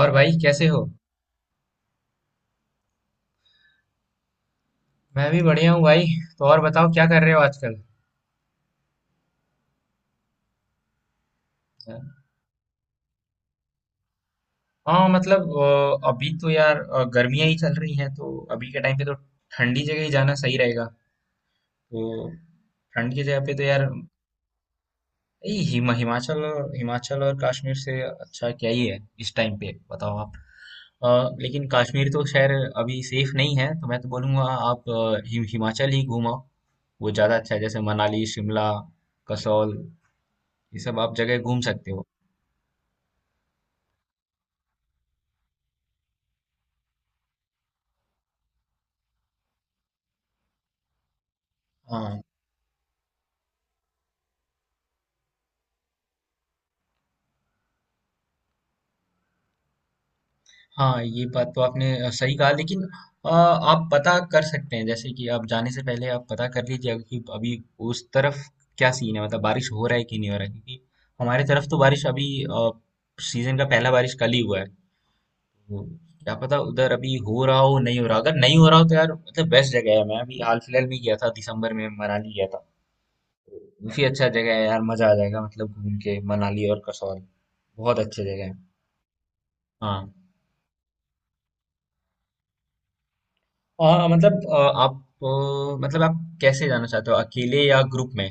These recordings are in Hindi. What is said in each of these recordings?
और भाई कैसे हो। मैं भी बढ़िया हूँ भाई। तो और बताओ क्या कर रहे हो आजकल। हाँ, मतलब अभी तो यार गर्मियाँ ही चल रही हैं तो अभी के टाइम पे तो ठंडी जगह ही जाना सही रहेगा, तो। ठंड की जगह पे तो यार, ये हिमाचल और कश्मीर से अच्छा क्या ही है इस टाइम पे, बताओ आप। अ, लेकिन कश्मीर तो खैर अभी सेफ नहीं है, तो मैं तो बोलूँगा आप हिमाचल ही घूमो। वो ज़्यादा अच्छा है, जैसे मनाली, शिमला, कसौल, ये सब आप जगह घूम सकते हो। हाँ, हाँ, ये बात तो आपने सही कहा, लेकिन आप पता कर सकते हैं, जैसे कि आप जाने से पहले आप पता कर लीजिए कि अभी उस तरफ क्या सीन है, मतलब बारिश हो रहा है कि नहीं हो रहा है, क्योंकि हमारे तरफ तो बारिश अभी, सीजन का पहला बारिश कल ही हुआ है तो। क्या पता उधर अभी हो रहा हो, नहीं हो रहा, अगर नहीं हो रहा हो तो यार मतलब बेस्ट जगह है, मैं अभी हाल फिलहाल में गया था, दिसंबर में मनाली गया था, तो काफी अच्छा जगह है यार, मजा आ जाएगा, मतलब घूम के, मनाली और कसौल बहुत अच्छी जगह है। हाँ। आ, मतलब आ, आप आ, मतलब आप कैसे जाना चाहते हो, अकेले या ग्रुप में।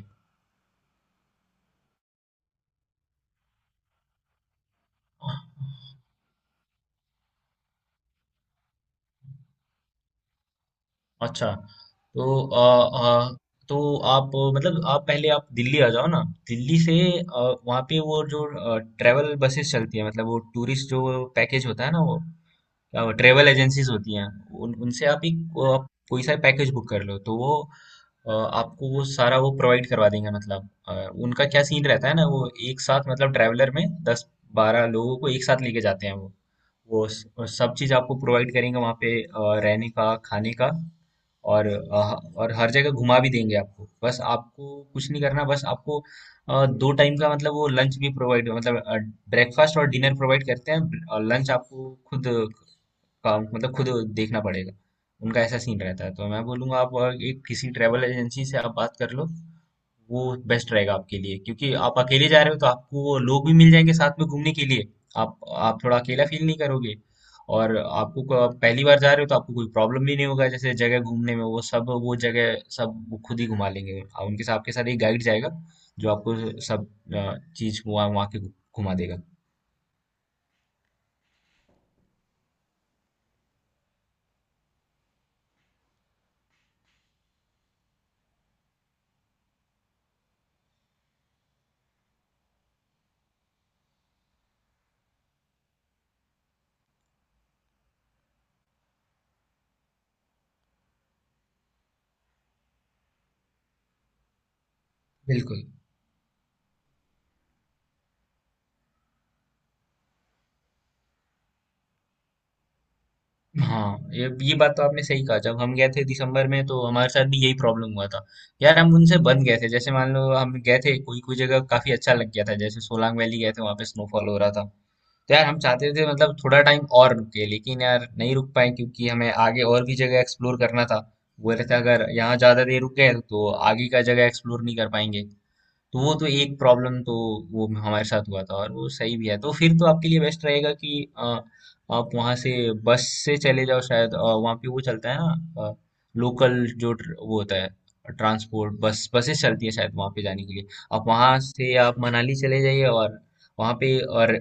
अच्छा। तो आ, आ, तो आप, मतलब आप पहले आप दिल्ली आ जाओ ना। दिल्ली से, वहाँ पे वो जो ट्रेवल बसेस चलती है, मतलब वो टूरिस्ट जो पैकेज होता है ना वो, क्या वो ट्रेवल एजेंसीज होती हैं। उन उनसे आप कोई सा पैकेज बुक कर लो तो वो, अ, आपको वो सारा वो प्रोवाइड करवा देंगे, मतलब। उनका क्या सीन रहता है ना, वो एक साथ, मतलब ट्रैवलर में 10-12 लोगों को एक साथ लेके जाते हैं, वो सब चीज आपको प्रोवाइड करेंगे वहाँ पे, रहने का, खाने का, और अ, और हर जगह घुमा भी देंगे आपको। बस आपको कुछ नहीं करना, बस आपको दो टाइम का, मतलब वो लंच भी प्रोवाइड, मतलब ब्रेकफास्ट और डिनर प्रोवाइड करते हैं, और लंच आपको खुद काम, मतलब खुद देखना पड़ेगा। उनका ऐसा सीन रहता है, तो मैं बोलूँगा आप और एक किसी ट्रैवल एजेंसी से आप बात कर लो, वो बेस्ट रहेगा आपके लिए, क्योंकि आप अकेले जा रहे हो तो आपको वो लोग भी मिल जाएंगे साथ में घूमने के लिए, आप आप थोड़ा अकेला फील नहीं करोगे। और आप पहली बार जा रहे हो तो आपको कोई प्रॉब्लम भी नहीं होगा, जैसे जगह घूमने में, वो सब, वो जगह सब वो खुद ही घुमा लेंगे, आप उनके साथ, आपके साथ एक गाइड जाएगा जो आपको सब चीज़ वहाँ वहाँ के घुमा देगा। बिल्कुल। हाँ, ये बात तो आपने सही कहा, जब हम गए थे दिसंबर में तो हमारे साथ भी यही प्रॉब्लम हुआ था। यार, हम उनसे बन गए थे, जैसे मान लो हम गए थे, कोई कोई जगह काफी अच्छा लग गया था, जैसे सोलांग वैली गए थे, वहां पे स्नोफॉल हो रहा था। तो यार हम चाहते थे, मतलब थोड़ा टाइम और रुके, लेकिन यार नहीं रुक पाए क्योंकि हमें आगे और भी जगह एक्सप्लोर करना था, बोल रहे थे अगर यहाँ ज्यादा देर रुक गए तो आगे का जगह एक्सप्लोर नहीं कर पाएंगे। तो वो तो एक प्रॉब्लम, तो वो हमारे साथ हुआ था और वो सही भी है। तो फिर तो आपके लिए बेस्ट रहेगा कि अ, आप वहाँ से बस से चले जाओ, शायद वहाँ पे वो चलता है ना, लोकल वो होता है, ट्रांसपोर्ट, बस बसेस चलती है शायद वहाँ पे जाने के लिए। आप वहाँ से आप मनाली चले जाइए, और वहाँ पे और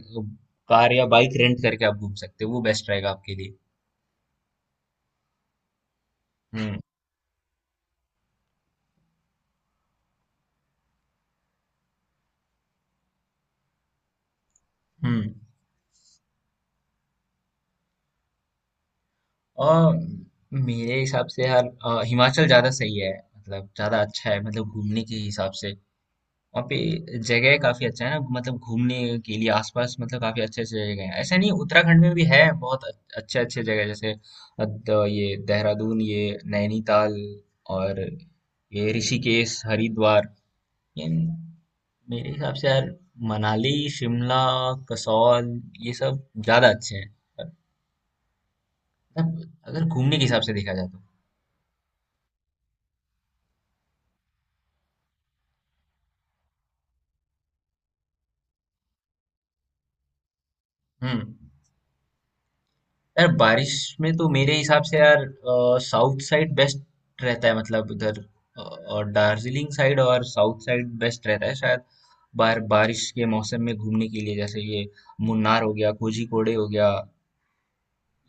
कार या बाइक रेंट करके आप घूम सकते हो, वो बेस्ट रहेगा आपके लिए। हम्म, हम्म। और मेरे हिसाब से यार, हिमाचल ज्यादा सही है, मतलब ज्यादा अच्छा है मतलब घूमने के हिसाब से। वहाँ पे जगह काफी अच्छा है ना, मतलब घूमने के लिए आसपास, मतलब काफी अच्छे अच्छे जगह हैं, ऐसा नहीं उत्तराखंड में भी है बहुत अच्छे अच्छे जगह, जैसे ये देहरादून, ये नैनीताल, और ये ऋषिकेश, हरिद्वार, इन, मेरे हिसाब से यार मनाली, शिमला, कसौल, ये सब ज्यादा अच्छे हैं, मतलब अगर घूमने के हिसाब से देखा जाए तो। हम्म। यार, बारिश में तो मेरे हिसाब से यार साउथ साइड बेस्ट रहता है, मतलब उधर, और दार्जिलिंग साइड और साउथ साइड बेस्ट रहता है शायद बारिश के मौसम में घूमने के लिए, जैसे ये मुन्नार हो गया, कोझीकोडे हो गया,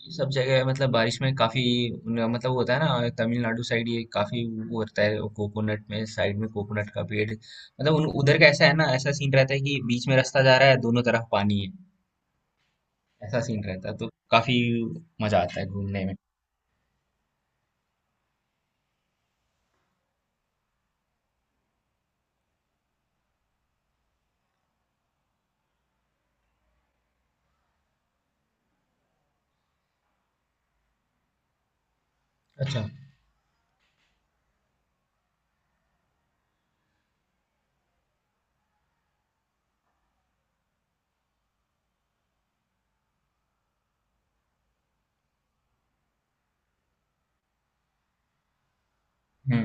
ये सब जगह, मतलब बारिश में काफी मतलब वो होता है ना, तमिलनाडु साइड ये काफी वो रहता है, कोकोनट में साइड में कोकोनट का पेड़, मतलब उन उधर का ऐसा है ना, ऐसा सीन रहता है कि बीच में रास्ता जा रहा है, दोनों तरफ पानी है, ऐसा सीन रहता है तो काफी मजा आता है घूमने में। अच्छा। हुँ।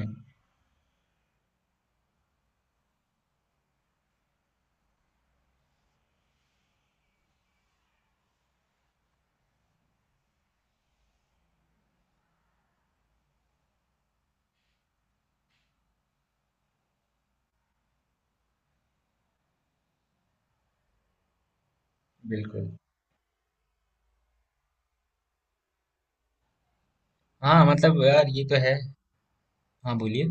बिल्कुल। हाँ, मतलब यार ये तो है। हाँ, बोलिए।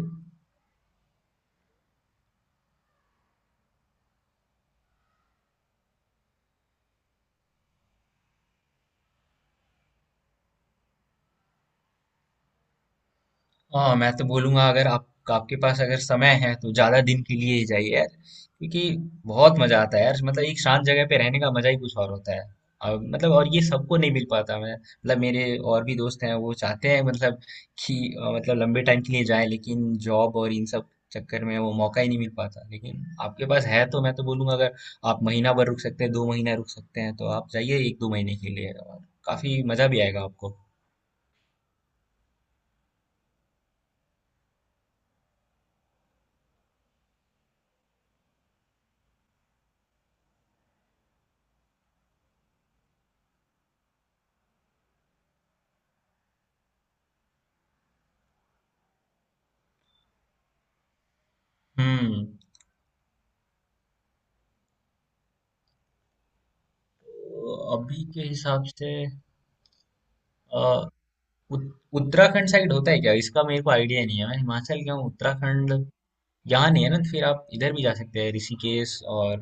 हाँ, मैं तो बोलूंगा, अगर आप आपके पास अगर समय है तो ज्यादा दिन के लिए ही जाइए यार, क्योंकि बहुत मजा आता है यार, मतलब एक शांत जगह पे रहने का मजा ही कुछ और होता है, और ये सबको नहीं मिल पाता, मैं मतलब मेरे और भी दोस्त हैं वो चाहते हैं मतलब कि मतलब लंबे टाइम के लिए जाए, लेकिन जॉब और इन सब चक्कर में वो मौका ही नहीं मिल पाता, लेकिन आपके पास है तो मैं तो बोलूंगा अगर आप महीना भर रुक सकते हैं, 2 महीना रुक सकते हैं, तो आप जाइए एक दो महीने के लिए, और काफी मजा भी आएगा आपको। हम्म। अभी के हिसाब से, अ, उत- उत्तराखंड साइड होता है क्या, इसका मेरे को आइडिया नहीं है, मैं हिमाचल गया हूँ, उत्तराखंड यहाँ नहीं है ना, तो फिर आप इधर भी जा सकते हैं ऋषिकेश और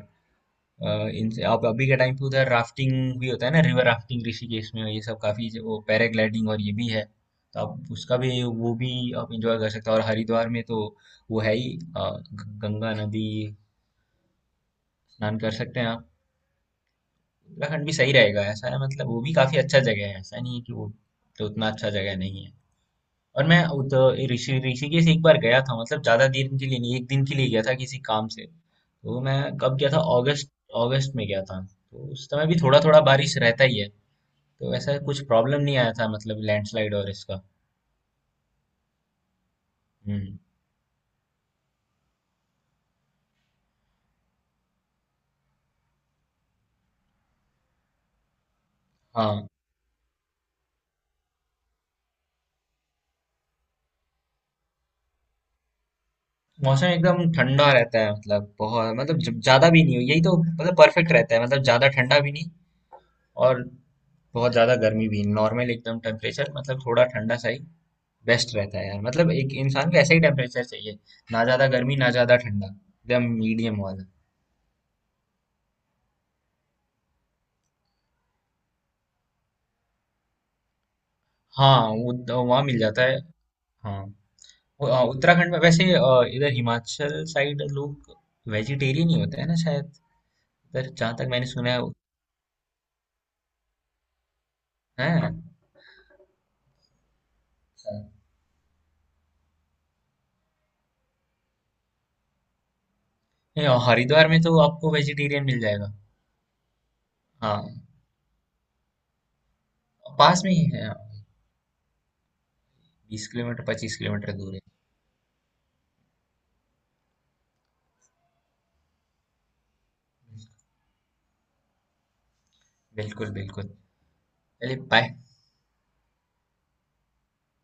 अ, इनसे। आप अभी के टाइम पे उधर राफ्टिंग भी होता है ना, रिवर राफ्टिंग ऋषिकेश में ये सब काफी वो पैराग्लाइडिंग और ये भी है, तो आप उसका भी वो भी आप इंजॉय कर सकते हैं, और हरिद्वार में तो वो है ही गंगा नदी, स्नान कर सकते हैं आप। उत्तराखंड भी सही रहेगा, ऐसा है मतलब वो भी काफी अच्छा जगह है, ऐसा नहीं है कि वो तो उतना अच्छा जगह नहीं है, और मैं ऋषिकेश एक बार गया था, मतलब ज्यादा दिन के लिए नहीं, एक दिन के लिए गया था किसी काम से, तो मैं कब गया था, अगस्त, अगस्त में गया था, तो उस समय भी थोड़ा थोड़ा बारिश रहता ही है, तो ऐसा कुछ प्रॉब्लम नहीं आया था, मतलब लैंडस्लाइड और इसका। हम्म। हाँ, मौसम एकदम ठंडा रहता है, मतलब बहुत, मतलब ज्यादा भी नहीं, यही तो मतलब परफेक्ट रहता है, मतलब ज्यादा ठंडा भी नहीं और बहुत ज़्यादा गर्मी भी, नॉर्मल एकदम टेम्परेचर, मतलब थोड़ा ठंडा सा ही बेस्ट रहता है यार, मतलब एक इंसान को ऐसा ही टेम्परेचर चाहिए, ना ज़्यादा गर्मी ना ज़्यादा ठंडा, एकदम मीडियम वाला। हाँ, वो तो वहाँ मिल जाता है। हाँ, उत्तराखंड में वैसे, इधर हिमाचल साइड लोग वेजिटेरियन ही होते हैं ना शायद, इधर जहाँ तक मैंने सुना है, हैं। अच्छा। नहीं, और हरिद्वार में तो आपको वेजिटेरियन मिल जाएगा। हाँ, पास में ही है। 20 किलोमीटर, 25 किलोमीटर दूर है। बिल्कुल, बिल्कुल। चलिए, बाय।